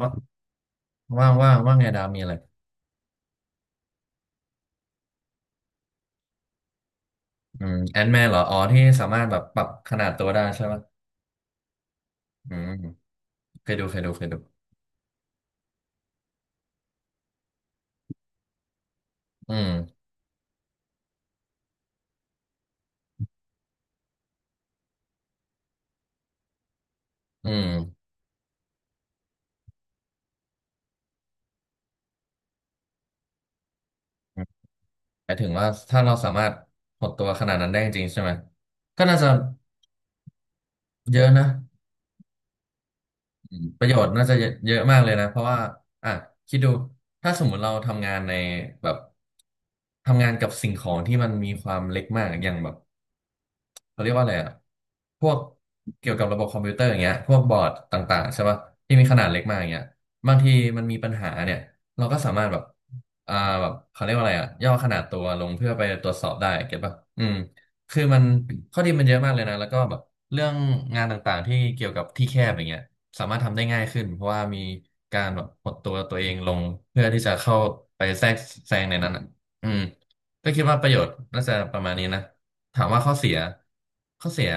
ว่าว่างไงดาวมีอะไรแอนแมนเหรออ๋อที่สามารถแบบปรับขนาดตัวได้ใช่ไหมอืมเคยดูอืมอืมหมายถึงว่าถ้าเราสามารถหดตัวขนาดนั้นได้จริงๆใช่ไหมก็น่าจะเยอะนะ อืมประโยชน์น่าจะเยอะมากเลยนะเพราะว่าอ่ะคิดดูถ้าสมมุติเราทำงานในแบบทำงานกับสิ่งของที่มันมีความเล็กมากอย่างแบบเขาเรียกว่าอะไรอ่ะพวกเกี่ยวกับระบบคอมพิวเตอร์อย่างเงี้ยพวกบอร์ดต่างๆใช่ป่ะที่มีขนาดเล็กมากอย่างเงี้ยบางทีมันมีปัญหาเนี่ยเราก็สามารถแบบอ่าแบบเขาเรียกว่าอะไรอ่ะย่อขนาดตัวลงเพื่อไปตรวจสอบได้เก็ตป่ะอืมคือมันข้อดีมันเยอะมากเลยนะแล้วก็แบบเรื่องงานต่างๆที่เกี่ยวกับที่แคบอย่างเงี้ย สามารถทำได้ง่ายขึ้นเพราะว่ามีการแบบหดตัวเองลงเพื่อที่จะเข้าไปแทรกแซงในนั้นอ่ะอืมก็คิดว่าประโยชน์น่าจะประมาณนี้นะถามว่าข้อเสียข้อเสีย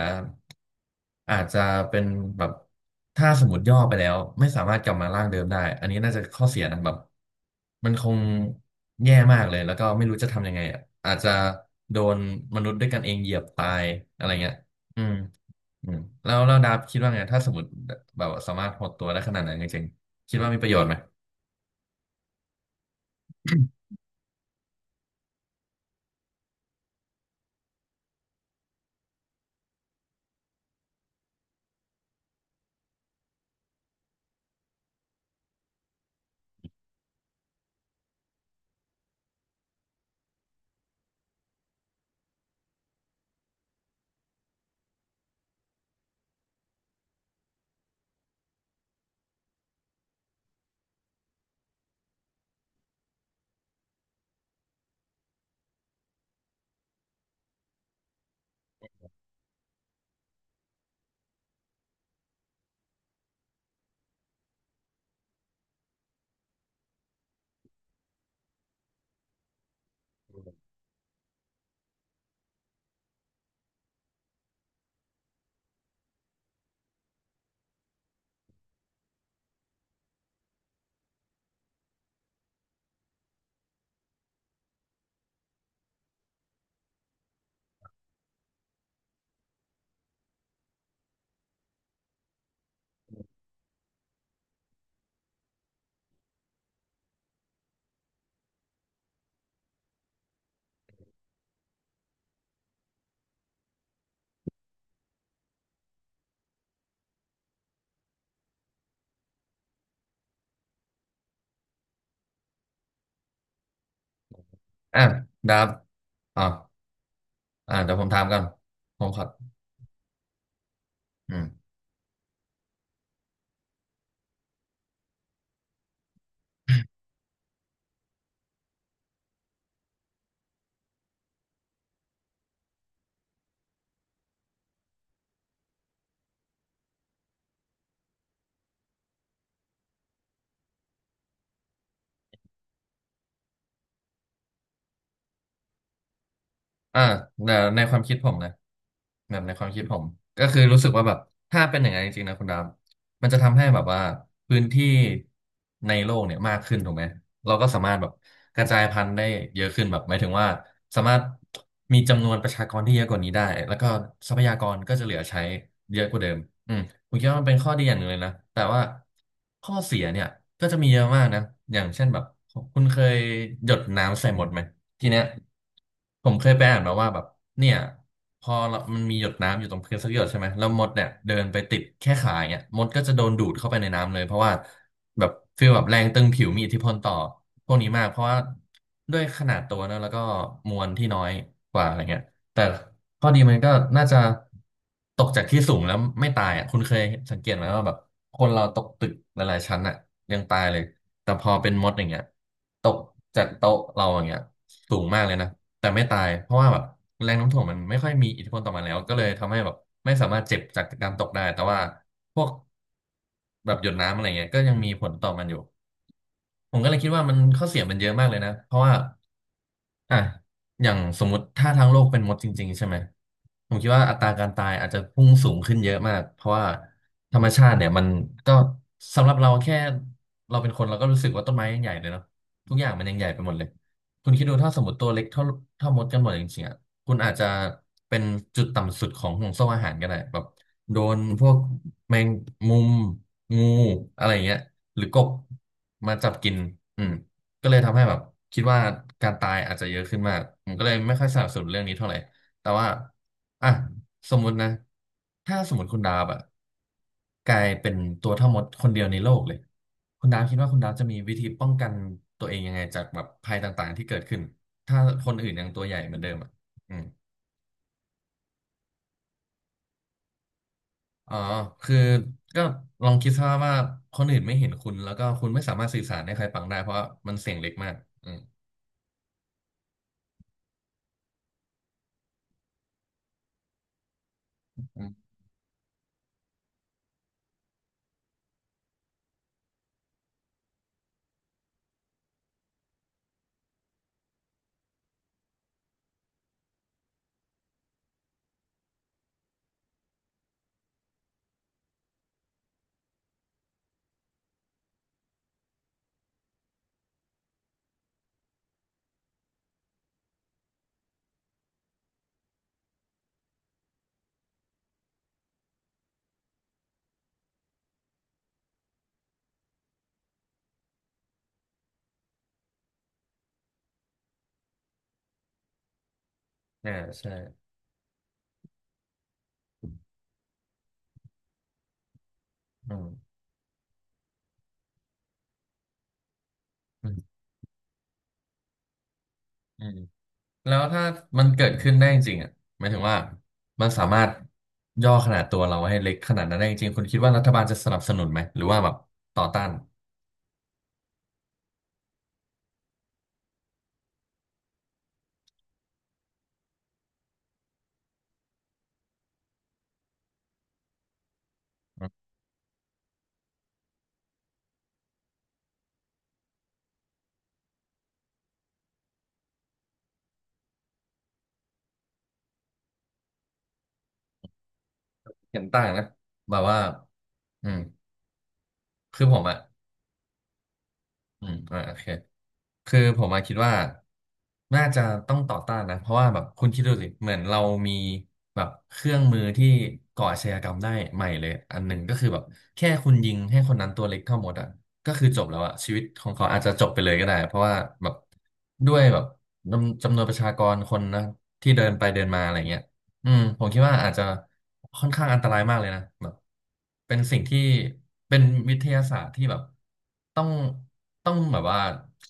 อาจจะเป็นแบบถ้าสมมติย่อไปแล้วไม่สามารถกลับมาร่างเดิมได้อันนี้น่าจะข้อเสียนะแบบมันคงแย่มากเลยแล้วก็ไม่รู้จะทำยังไงอะอาจจะโดนมนุษย์ด้วยกันเองเหยียบตายอะไรเงี้ยอืม อืมแล้วดับคิดว่าไงถ้าสมมติแบบสามารถหดตัวได้ขนาดนั้นจริงๆคิดว่ามีประโยชน์ไหมอ่ะดับอ่ะอ่ะเดี๋ยวผมถามก่อนผมขออืม อ่าแต่ในความคิดผมนะแบบในความคิดผมก็คือรู้สึกว่าแบบถ้าเป็นอย่างนั้นจริงๆนะคุณดาวมันจะทำให้แบบว่าพื้นที่ในโลกเนี่ยมากขึ้นถูกไหมเราก็สามารถแบบกระจายพันธุ์ได้เยอะขึ้นแบบหมายถึงว่าสามารถมีจำนวนประชากรที่เยอะกว่านี้ได้แล้วก็ทรัพยากรก็จะเหลือใช้เยอะกว่าเดิมอืมผมคิดว่ามันเป็นข้อดีอย่างหนึ่งเลยนะแต่ว่าข้อเสียเนี่ยก็จะมีเยอะมากนะอย่างเช่นแบบคุณเคยหยดน้ำใส่หมดไหม ทีเนี้ยผมเคยไปอ่านมาว่าแบบเนี่ยพอเรามันมีหยดน้ำอยู่ตรงพื้นสักหยดใช่ไหมแล้วมดเนี่ยเดินไปติดแค่ขาอย่างเงี้ยมดก็จะโดนดูดเข้าไปในน้ำเลยเพราะว่าแบบฟีลแบบแรงตึงผิวมีอิทธิพลต่อพวกนี้มากเพราะว่าด้วยขนาดตัวเนอะแล้วก็มวลที่น้อยกว่าอะไรเงี้ยแต่ ข้อดีมันก็น่าจะตกจากที่สูงแล้วไม่ตายอ่ะคุณเคยสังเกตไหมว่าแบบคนเราตกตึกหลายๆชั้นอ่ะยังตายเลยแต่พอเป็นมดอย่างเงี้ยตกจากโต๊ะเราอย่างเงี้ยสูงมากเลยนะแต่ไม่ตายเพราะว่าแบบแรงโน้มถ่วงมันไม่ค่อยมีอิทธิพลต่อมันแล้วก็เลยทำให้แบบไม่สามารถเจ็บจากการตกได้แต่ว่าพวกแบบหยดน้ำอะไรเงี้ยก็ยังมีผลต่อมันอยู่ผมก็เลยคิดว่ามันข้อเสียมันเยอะมากเลยนะเพราะว่า อ่ะอย่างสมมติถ้าทั้งโลกเป็นมดจริงๆใช่ไหมผมคิดว่าอัตราการตายอาจจะพุ่งสูงขึ้นเยอะมากเพราะว่าธรรมชาติเนี่ยมันก็สำหรับเราแค่เราเป็นคนเราก็รู้สึกว่าต้นไม้ยังใหญ่เลยเนาะทุกอย่างมันยังใหญ่ไปหมดเลยคุณคิดดูถ้าสมมติตัวเล็กเท่ามดกันหมดจริงๆอ่ะคุณอาจจะเป็นจุดต่ำสุดของห่วงโซ่อาหารก็ได้แบบโดนพวกแมงมุมงูอะไรอย่างเงี้ยหรือกบมาจับกินอืม ก็เลยทำให้แบบคิดว่าการตายอาจจะเยอะขึ้นมากผมก็เลยไม่ค่อยสนับสนุนเรื่องนี้เท่าไหร่ แต่ว่าอ่ะสมมุตินะถ้าสมมติคุณดาบอะกลายเป็นตัวเท่ามดคนเดียวในโลกเลยคุณดาบคิดว่าคุณดาบจะมีวิธีป้องกันตัวเองยังไงจากแบบภัยต่างๆที่เกิดขึ้นถ้าคนอื่นยังตัวใหญ่เหมือนเดิมอ่ะอืมอ๋อคือก็ลองคิดซะว่าคนอื่นไม่เห็นคุณแล้วก็คุณไม่สามารถสื่อสารให้ใครฟังได้เพราะว่ามันเสียงเล็กมากอืมอืมอ่าใช่อืมอืม แล้วถ้ามันเกิดขึ้นได้จริงๆอ่ะหมายถึงว่ามันสามารถย่อขนาดตัวเราให้เล็กขนาดนั้นได้จริงๆคุณคิดว่ารัฐบาลจะสนับสนุนไหมหรือว่าแบบต่อต้านอืมเห็นต่างนะแบบว่าอืมคือผมอ่ะอืมโอเค คือผมมาคิดว่าน่าจะต้องต่อต้านนะเพราะว่าแบบคุณคิดดูสิเหมือนเรามีแบบเครื่องมือที่ก่ออาชญากรรมได้ใหม่เลยอันหนึ่งก็คือแบบแค่คุณยิงให้คนนั้นตัวเล็กเท่ามดอ่ะก็คือจบแล้วอ่ะชีวิตของเขาอาจจะจบไปเลยก็ได้เพราะว่าแบบด้วยแบบจำนวนประชากรคนนะที่เดินไปเดินมาอะไรเงี้ย อืมผมคิดว่าอาจจะค่อนข้างอันตรายมากเลยนะแบบเป็นสิ่งที่เป็นวิทยาศาสตร์ที่แบบต้องต้องแบบว่า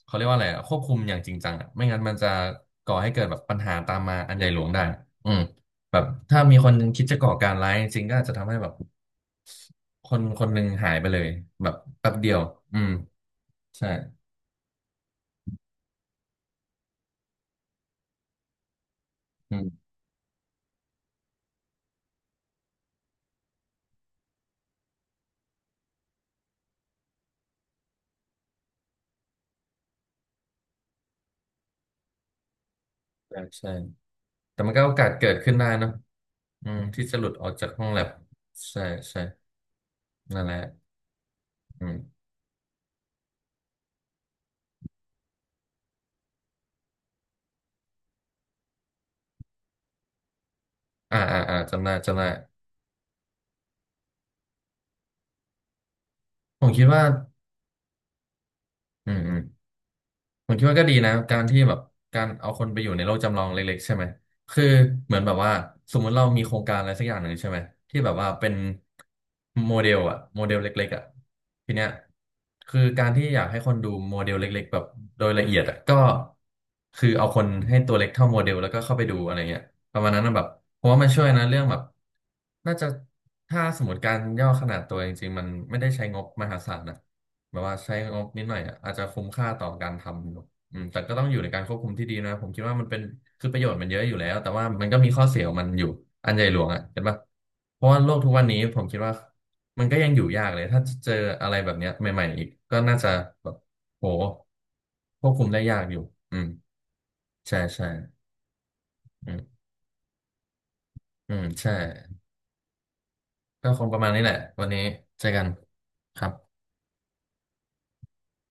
เขาเรียกว่าอะไรอะควบคุมอย่างจริงจังอะไม่งั้นมันจะก่อให้เกิดแบบปัญหาตามมาอันใหญ่หลวงได้อืมแบบถ้ามีคนหนึงคิดจะก่อการร้ายจริงก็อาจจะทำให้แบบคนคนหนึ่งหายไปเลยแบบแป๊บเดียวอืมใช่อืมใช่ใช่แต่มันก็โอกาสเกิดขึ้นได้เนอะอืมที่จะหลุดออกจากห้องแลบใช่ใช่นั่นแหละอืม อ่าอ่าอ่าจำได้จำได้ผมคิดว่าอืมอืมผมคิดว่าก็ดีนะการที่แบบการเอาคนไปอยู่ในโลกจำลองเล็กๆใช่ไหมคือเหมือนแบบว่าสมมุติเรามีโครงการอะไรสักอย่างหนึ่งใช่ไหมที่แบบว่าเป็นโมเดลอะโมเดลเล็กๆอะทีเนี้ยคือการที่อยากให้คนดูโมเดลเล็กๆแบบโดยละเอียดอะก็คือเอาคนให้ตัวเล็กเท่าโมเดลแล้วก็เข้าไปดูอะไรเงี้ยประมาณนั้นนะแบบเพราะว่ามันช่วยนะเรื่องแบบน่าจะถ้าสมมติการย่อขนาดตัวจริงๆมันไม่ได้ใช้งบมหาศาลนะ แบบว่าใช้งบนิดหน่อยอะอาจจะคุ้มค่าต่อการทำอืมแต่ก็ต้องอยู่ในการควบคุมที่ดีนะผมคิดว่ามันเป็นคือประโยชน์มันเยอะอยู่แล้วแต่ว่ามันก็มีข้อเสียของมันอยู่อันใหญ่หลวงอ่ะเห็นปะเพราะว่าโลกทุกวันนี้ผมคิดว่ามันก็ยังอยู่ยากเลยถ้าเจออะไรแบบเนี้ยใหม่ๆอีกก็น่าจะแบบโหควบคุมได้ยากอยู่อืมใช่ใช่อืมอืมใช่ก็คงประมาณนี้แหละวันนี้เจอกันครับ